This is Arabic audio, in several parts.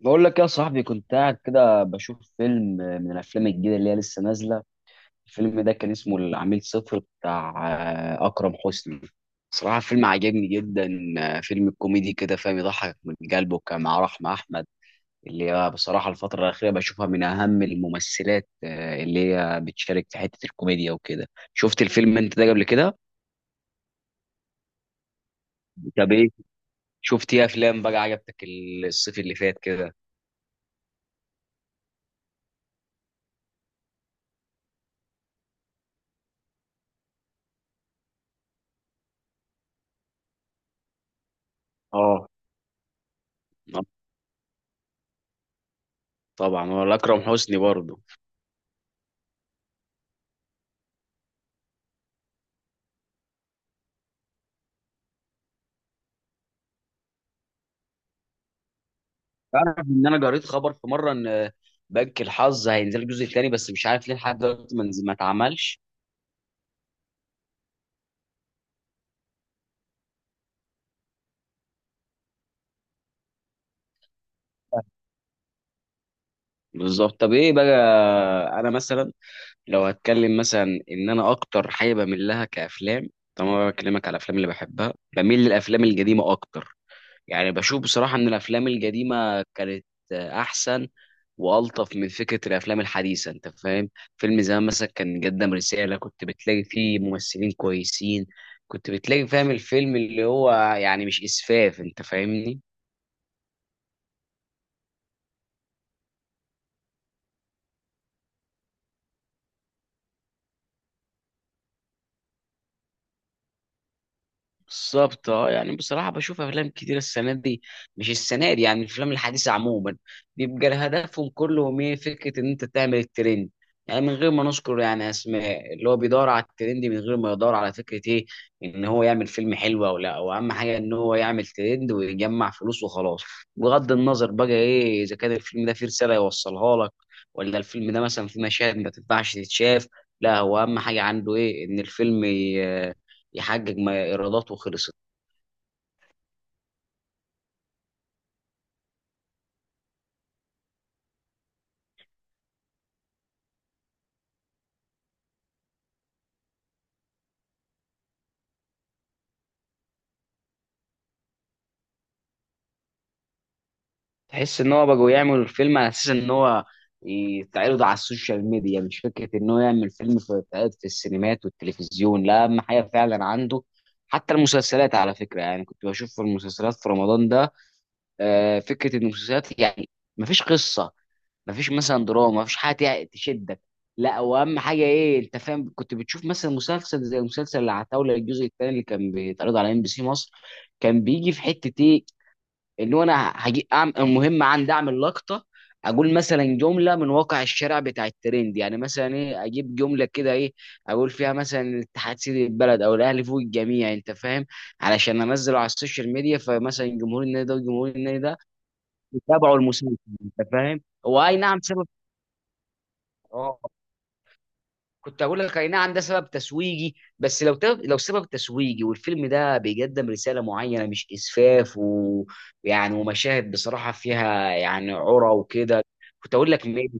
بقول لك يا صاحبي، كنت قاعد كده بشوف فيلم من الافلام الجديده اللي هي لسه نازله. الفيلم ده كان اسمه العميل صفر بتاع اكرم حسني. صراحه فيلم عجبني جدا. فيلم كوميدي كده فاهم، يضحك من قلبه، كان مع رحمه احمد اللي هي بصراحه الفتره الاخيره بشوفها من اهم الممثلات، اللي هي بتشارك في حته الكوميديا وكده. شفت الفيلم انت ده قبل كده؟ طب ايه شفت ايه افلام بقى عجبتك الصيف اللي فات كده؟ اه. آه. طبعا، ولا اكرم حسني برضه. تعرف ان انا قريت خبر في مره ان بنك الحظ هينزل الجزء الثاني، بس مش عارف ليه لحد دلوقتي ما اتعملش. بالظبط. طب ايه بقى، انا مثلا لو هتكلم مثلا ان انا اكتر حاجه بميل لها كافلام، طبعا أنا بكلمك على الافلام اللي بحبها، بميل للافلام القديمه اكتر. يعني بشوف بصراحه ان الافلام القديمه كانت احسن والطف من فكره الافلام الحديثه، انت فاهم. فيلم زمان مثلا كان قدم رساله، كنت بتلاقي فيه ممثلين كويسين، كنت بتلاقي فاهم الفيلم اللي هو، يعني مش اسفاف، انت فاهمني. بالظبط. اه يعني بصراحة بشوف أفلام كتير السنة دي، مش السنة دي يعني الأفلام الحديثة عموما، بيبقى هدفهم كلهم إيه؟ فكرة إن أنت تعمل الترند. يعني من غير ما نذكر يعني أسماء، اللي هو بيدور على الترند من غير ما يدور على فكرة إيه؟ إن هو يعمل فيلم حلو أو لا. وأهم حاجة إن هو يعمل ترند ويجمع فلوس وخلاص، بغض النظر بقى إيه إذا كان الفيلم ده فيه رسالة يوصلها لك، ولا الفيلم ده مثلا فيه مشاهد ما تنفعش تتشاف. لا، هو أهم حاجة عنده إيه؟ إن الفيلم يحقق ما ايراداته وخلصت. تحس ان هو بقوا يعملوا الفيلم على اساس ان هو يتعرض على السوشيال ميديا، مش فكره ان هو يعمل فيلم في يتعرض في السينمات والتلفزيون. لا، اهم حاجه فعلا عنده. حتى المسلسلات على فكره، يعني كنت بشوف في المسلسلات في رمضان ده فكره ان المسلسلات يعني مفيش قصه، مفيش مثلا دراما، مفيش حاجه تشدك. لا، واهم حاجه ايه، انت فاهم، كنت بتشوف مثلا مسلسل زي مسلسل العتاوله الجزء الثاني اللي كان بيتعرض على ام بي سي مصر، كان بيجي في حته ايه، اللي هو انا هجي أعمل المهم عندي اعمل لقطه، اقول مثلا جمله من واقع الشارع بتاع الترند، يعني مثلا ايه، اجيب جمله كده ايه، اقول فيها مثلا الاتحاد سيد البلد، او الاهلي فوق الجميع، انت فاهم، علشان انزله على السوشيال ميديا، فمثلا جمهور النادي ده وجمهور النادي ده يتابعوا المسلسل، انت فاهم. هو اي نعم سبب. اه. كنت هقول لك اي نعم ده سبب تسويقي، بس لو سبب تسويقي والفيلم ده بيقدم رساله معينه مش اسفاف، ويعني ومشاهد بصراحه فيها يعني عرى وكده. كنت اقول لك ماشي.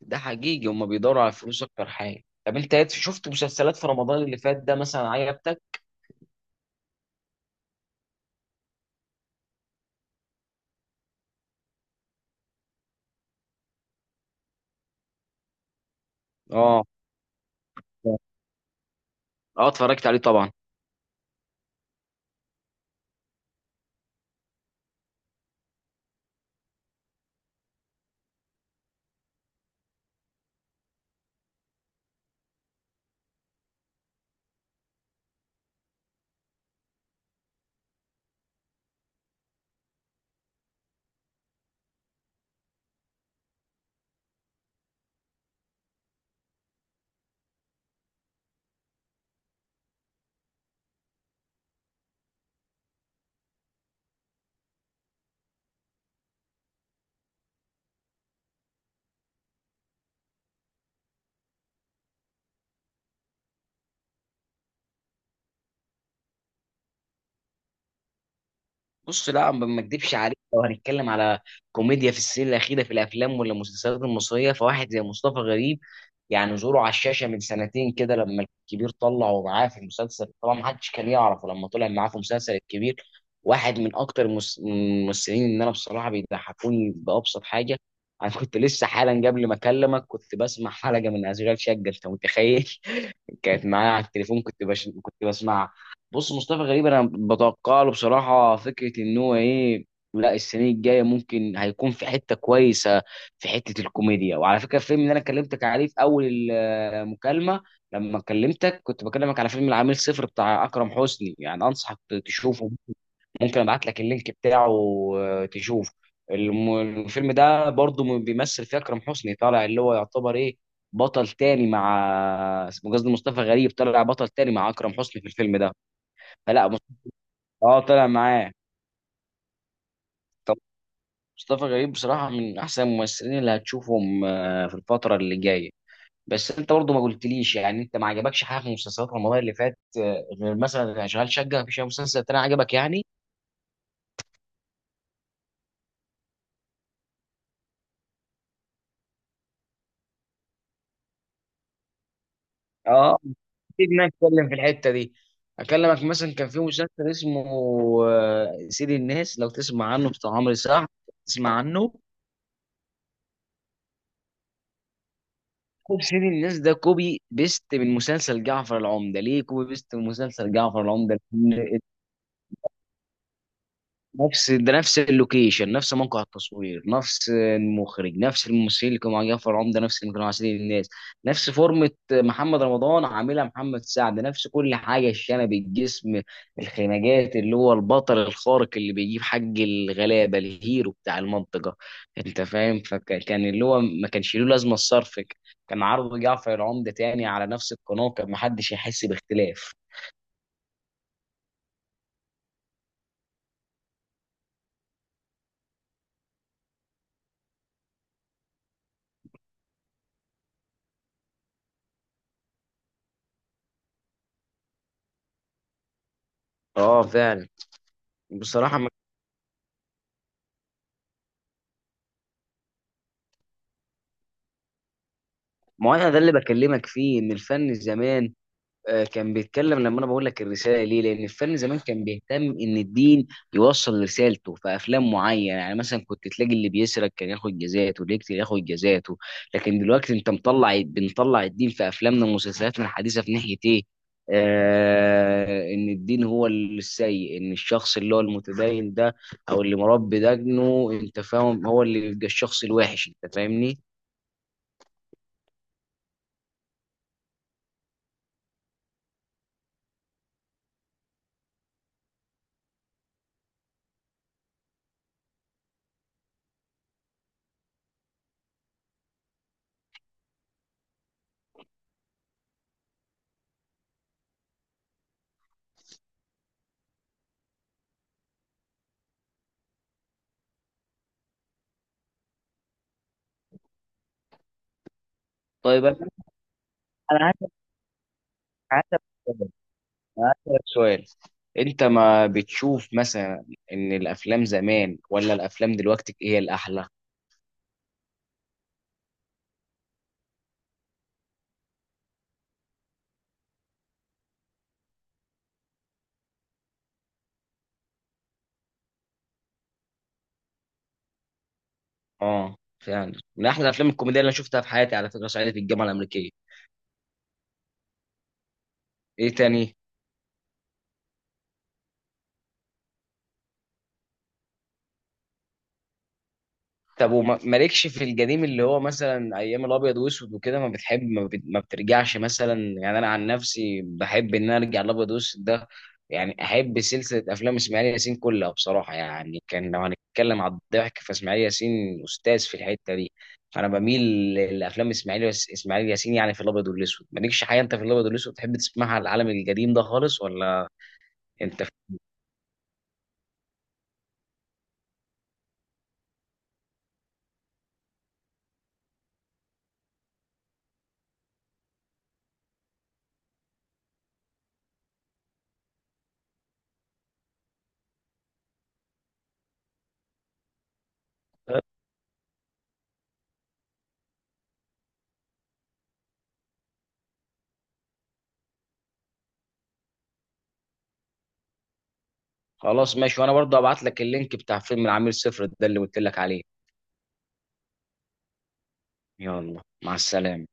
ده حقيقي، هم بيدوروا على الفلوس اكتر حاجه. طب انت شفت مسلسلات في رمضان اللي فات ده مثلا عجبتك؟ اه. اه اتفرجت عليه طبعا. بص، لا ما اكدبش عليك، لو هنتكلم على كوميديا في السنين الاخيره في الافلام ولا المسلسلات المصريه، فواحد زي مصطفى غريب، يعني ظهوره على الشاشه من سنتين كده لما الكبير طلع ومعاه في المسلسل، طبعا ما حدش كان يعرفه لما طلع معاه في مسلسل الكبير، واحد من اكتر الممثلين اللي انا بصراحه بيضحكوني بابسط حاجه. انا كنت لسه حالا قبل ما اكلمك كنت بسمع حلقه من اشغال شقه، انت متخيل، كانت معايا على التليفون، كنت بسمعها. بص مصطفى غريب انا بتوقع له بصراحه فكره ان هو ايه، لا السنه الجايه ممكن هيكون في حته كويسه، في حته الكوميديا. وعلى فكره الفيلم اللي انا كلمتك عليه في اول المكالمه، لما كلمتك كنت بكلمك على فيلم العميل صفر بتاع اكرم حسني، يعني انصحك تشوفه، ممكن ابعت لك اللينك بتاعه تشوفه. الم- الفيلم ده برضو بيمثل فيه اكرم حسني، طالع اللي هو يعتبر ايه، بطل تاني مع، اسمه قصدي مصطفى غريب، طلع بطل تاني مع اكرم حسني في الفيلم ده. فلا مص- اه طلع معاه. طب مصطفى غريب بصراحة من احسن الممثلين اللي هتشوفهم في الفترة اللي جاية. بس انت برضو ما قلتليش يعني، انت ما عجبكش حاجة في مسلسلات رمضان اللي فات غير مثلا شغال شقة؟ مفيش أي مسلسل تاني عجبك يعني؟ اه اكيد إن انا اتكلم في الحته دي، اكلمك مثلا كان في مسلسل اسمه سيد الناس، لو تسمع عنه، بتاع عمرو سعد، تسمع عنه. كوب، سيد الناس ده كوبي بيست من مسلسل جعفر العمدة. ليه كوبي بيست من مسلسل جعفر العمدة؟ نفس ده، نفس اللوكيشن، نفس موقع التصوير، نفس المخرج، نفس الممثلين اللي كانوا مع جعفر عمده نفس اللي كانوا مع سيد الناس، نفس فورمة محمد رمضان عاملها محمد سعد، نفس كل حاجة، الشنب، الجسم، الخناجات، اللي هو البطل الخارق اللي بيجيب حق الغلابة، الهيرو بتاع المنطقة، انت فاهم. فكان اللي هو ما كانش له لازمة الصرف، كان عرض جعفر العمده تاني على نفس القناة، كان محدش يحس باختلاف. اه فعلا بصراحة. ما هو انا ده اللي بكلمك فيه، ان الفن زمان كان بيتكلم، لما انا بقول لك الرساله ليه، لان الفن زمان كان بيهتم ان الدين يوصل رسالته في افلام معينه، يعني مثلا كنت تلاقي اللي بيسرق كان ياخد جزاته، اللي يقتل ياخد جزاته. لكن دلوقتي انت مطلع، بنطلع الدين في افلامنا ومسلسلاتنا الحديثه في ناحيه ايه، ان الدين هو السيء، ان الشخص اللي هو المتدين ده او اللي مربي دجنه، انت فاهم، هو اللي يبقى الشخص الوحش، انت فاهمني. طيب انا على حسب على حسب هسألك سؤال، انت ما بتشوف مثلا ان الافلام زمان ولا الافلام دلوقتي هي الاحلى؟ اه فعلا، من احلى الافلام الكوميديه اللي انا شفتها في حياتي على فكره صعيدي في الجامعه الامريكيه. ايه تاني؟ طب مالكش في القديم، اللي هو مثلا ايام الابيض واسود وكده، ما بتحب، ما بترجعش مثلا؟ يعني انا عن نفسي بحب ان انا ارجع الابيض واسود ده، يعني احب سلسله افلام اسماعيل ياسين كلها بصراحه، يعني كان لو هنتكلم على الضحك فاسماعيل ياسين استاذ في الحته دي. انا بميل لافلام اسماعيل ياسين، يعني في الابيض والاسود مالكش حاجه انت في الابيض والاسود تحب تسمعها على العالم القديم ده خالص، ولا؟ انت في... خلاص ماشي، وانا برضه هبعت لك اللينك بتاع فيلم العميل صفر ده اللي قلت لك عليه. يلا، مع السلامة.